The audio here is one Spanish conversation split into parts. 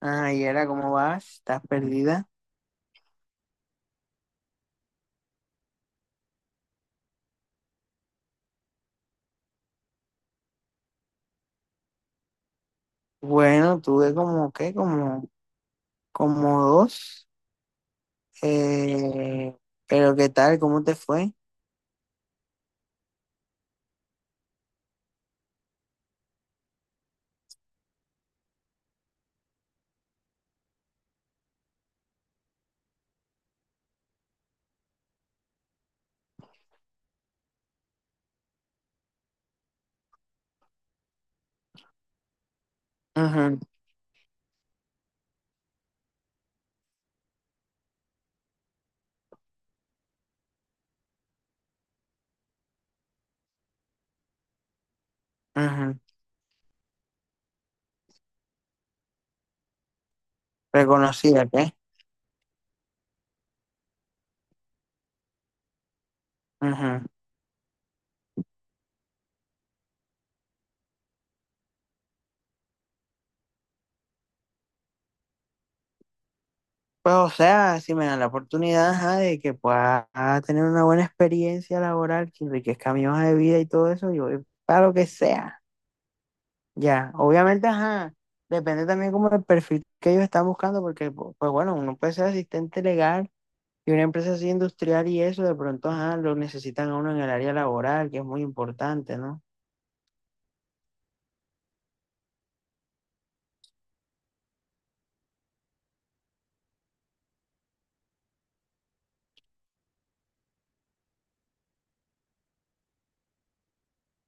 Ah, y era, ¿cómo vas? ¿Estás perdida? Bueno, tuve como, ¿qué? Como, como dos. Eh, pero ¿qué tal? ¿Cómo te fue? Ujú, ujú. Reconocida, ¿qué? Ujú. Pues, o sea, si me dan la oportunidad, ajá, de que pueda tener una buena experiencia laboral, que enriquezca mi hoja de vida y todo eso, yo voy para lo que sea. Ya, obviamente, ajá, depende también como del perfil que ellos están buscando, porque, pues bueno, uno puede ser asistente legal y una empresa así industrial y eso, de pronto, ajá, lo necesitan a uno en el área laboral, que es muy importante, ¿no?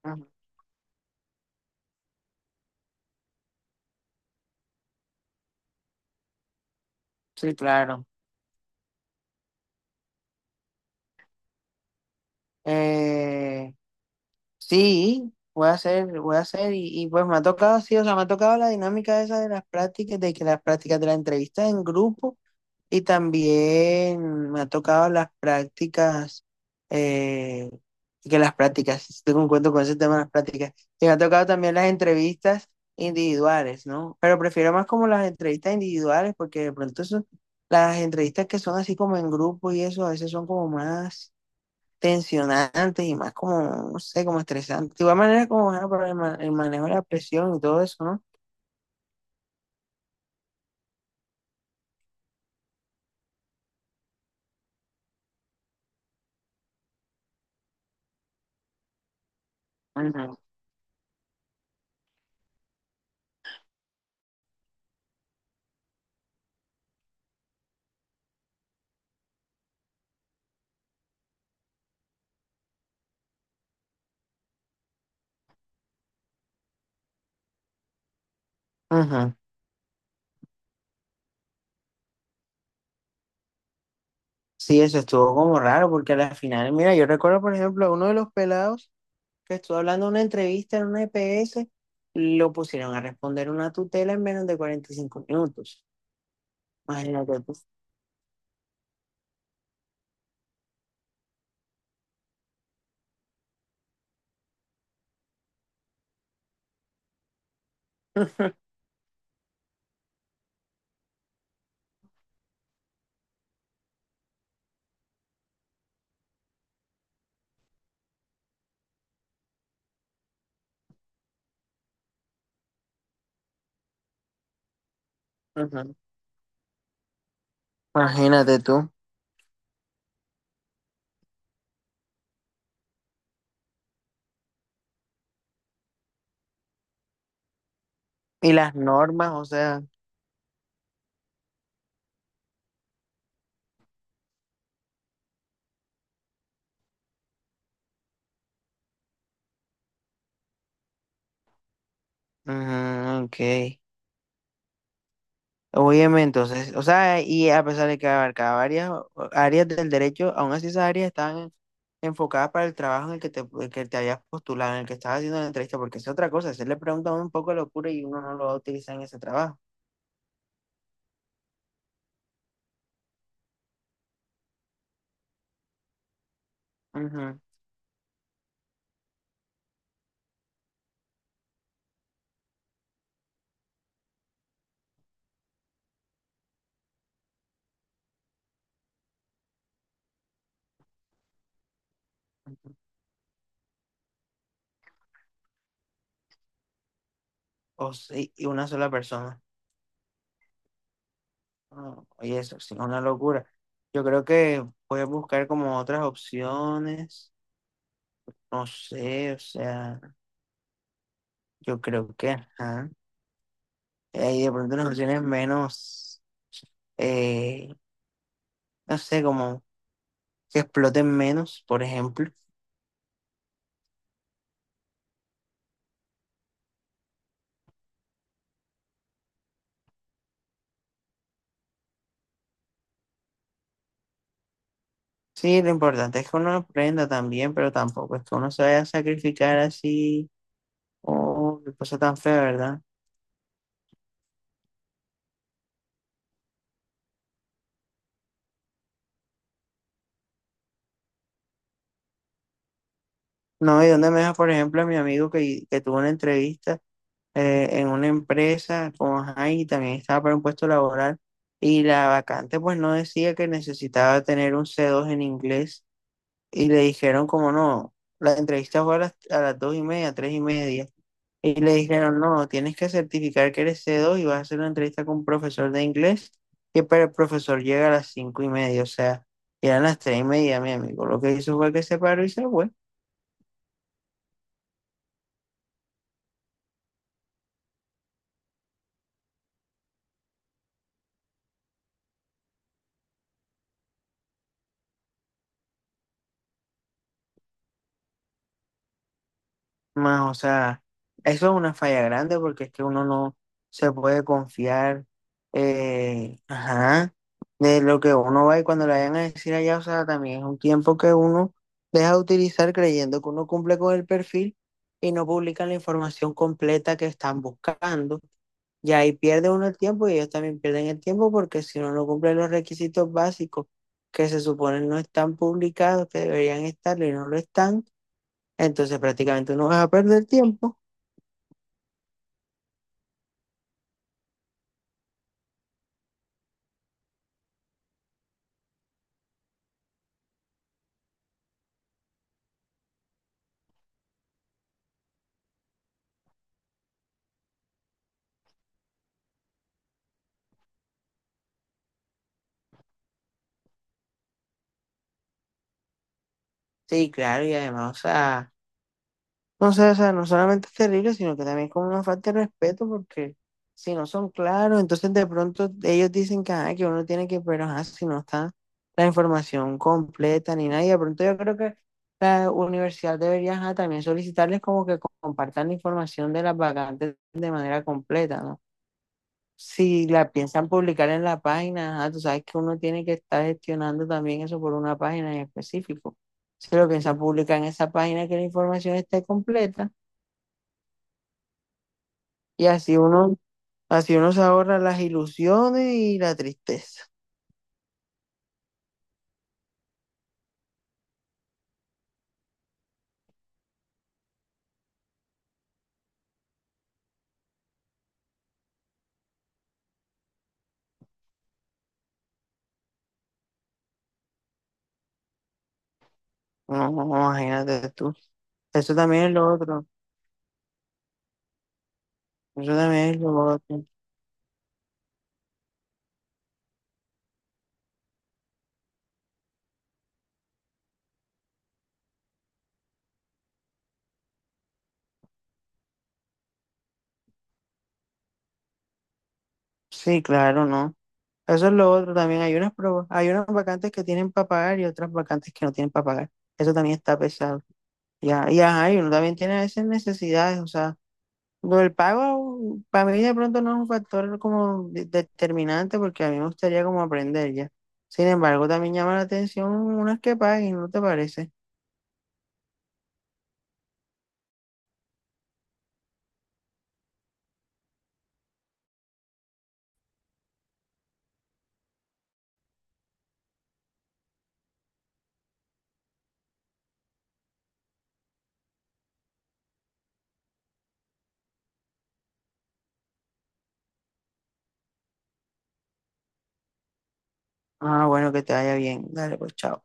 Ujú. Sí, claro. Eh, sí, voy a hacer, y pues me ha tocado, sí, o sea, me ha tocado la dinámica esa de las prácticas, de que las prácticas de la entrevista en grupo, y también me ha tocado las prácticas, eh, que las prácticas, sí, tengo un cuento con ese tema de las prácticas, y me ha tocado también las entrevistas individuales, ¿no? Pero prefiero más como las entrevistas individuales, porque de pronto eso, las entrevistas que son así como en grupo y eso, a veces son como más tensionantes y más como, no sé, como estresantes. De igual manera como ah, para el, el manejo de la presión y todo eso, ¿no? Ujú. Ujú. Sí, eso estuvo como raro porque a la final, mira, yo recuerdo, por ejemplo, a uno de los pelados que estuvo hablando en una entrevista en una EPS, lo pusieron a responder una tutela en menos de 45 minutos. Imagínate tú. Ujú. Imagínate tú. Y las normas, o sea, ujú, ok. Óyeme, entonces, o sea, y a pesar de que abarcaba varias áreas del derecho, aún así esas áreas estaban enfocadas para el trabajo en el que te habías postulado, en el que estabas haciendo la entrevista, porque es otra cosa, se le pregunta a uno un poco de locura y uno no lo va a utilizar en ese trabajo. Ujú. O sí, y una sola persona. No, oye, eso sí, es una locura. Yo creo que puedes buscar como otras opciones, no sé, o sea, yo creo que, ajá, hay de pronto unas opciones menos... Eh, no sé, como que exploten menos, por ejemplo. Sí, lo importante es que uno aprenda también, pero tampoco es que uno se vaya a sacrificar así o qué cosa tan fea, ¿verdad? No, y donde me deja, por ejemplo, a mi amigo que tuvo una entrevista en una empresa con Jaime y también estaba para un puesto laboral y la vacante pues no decía que necesitaba tener un C2 en inglés y le dijeron como no, la entrevista fue a las 2:30, 3:30. Y le dijeron, no, tienes que certificar que eres C2 y vas a hacer una entrevista con un profesor de inglés, que para el profesor llega a las 5:30, o sea, eran las 3:30, mi amigo. Lo que hizo fue que se paró y se fue. Más, o sea, eso es una falla grande porque es que uno no se puede confiar, ajá, de lo que uno va y cuando le vayan a decir allá, o sea, también es un tiempo que uno deja de utilizar creyendo que uno cumple con el perfil y no publican la información completa que están buscando. Y ahí pierde uno el tiempo y ellos también pierden el tiempo porque si uno no cumple los requisitos básicos que se supone no están publicados, que deberían estarlo y no lo están, entonces prácticamente uno va a perder tiempo. Sí, claro, y además, o sea, no sé, o sea, no solamente es terrible, sino que también es como una falta de respeto porque si no son claros, entonces de pronto ellos dicen que, ajá, que uno tiene que, pero ajá, si no está la información completa ni nada, y de pronto yo creo que la universidad debería ajá, también solicitarles como que compartan la información de las vacantes de manera completa, ¿no? Si la piensan publicar en la página, ajá, tú sabes que uno tiene que estar gestionando también eso por una página en específico. Si lo piensan publicar en esa página que la información esté completa y así uno se ahorra las ilusiones y la tristeza. No, no, no, imagínate tú. Eso también es lo otro. Eso también es lo otro. Sí, claro, no. Eso es lo otro también. Hay unas pro- hay unas vacantes que tienen para pagar y otras vacantes que no tienen para pagar. Eso también está pesado. Ya, y ajá, y uno también tiene a veces necesidades. O sea, lo del pago para mí de pronto no es un factor como determinante porque a mí me gustaría como aprender ya. Sin embargo, también llama la atención unas que paguen, ¿no te parece? Ah, bueno, que te vaya bien. Dale, pues chao.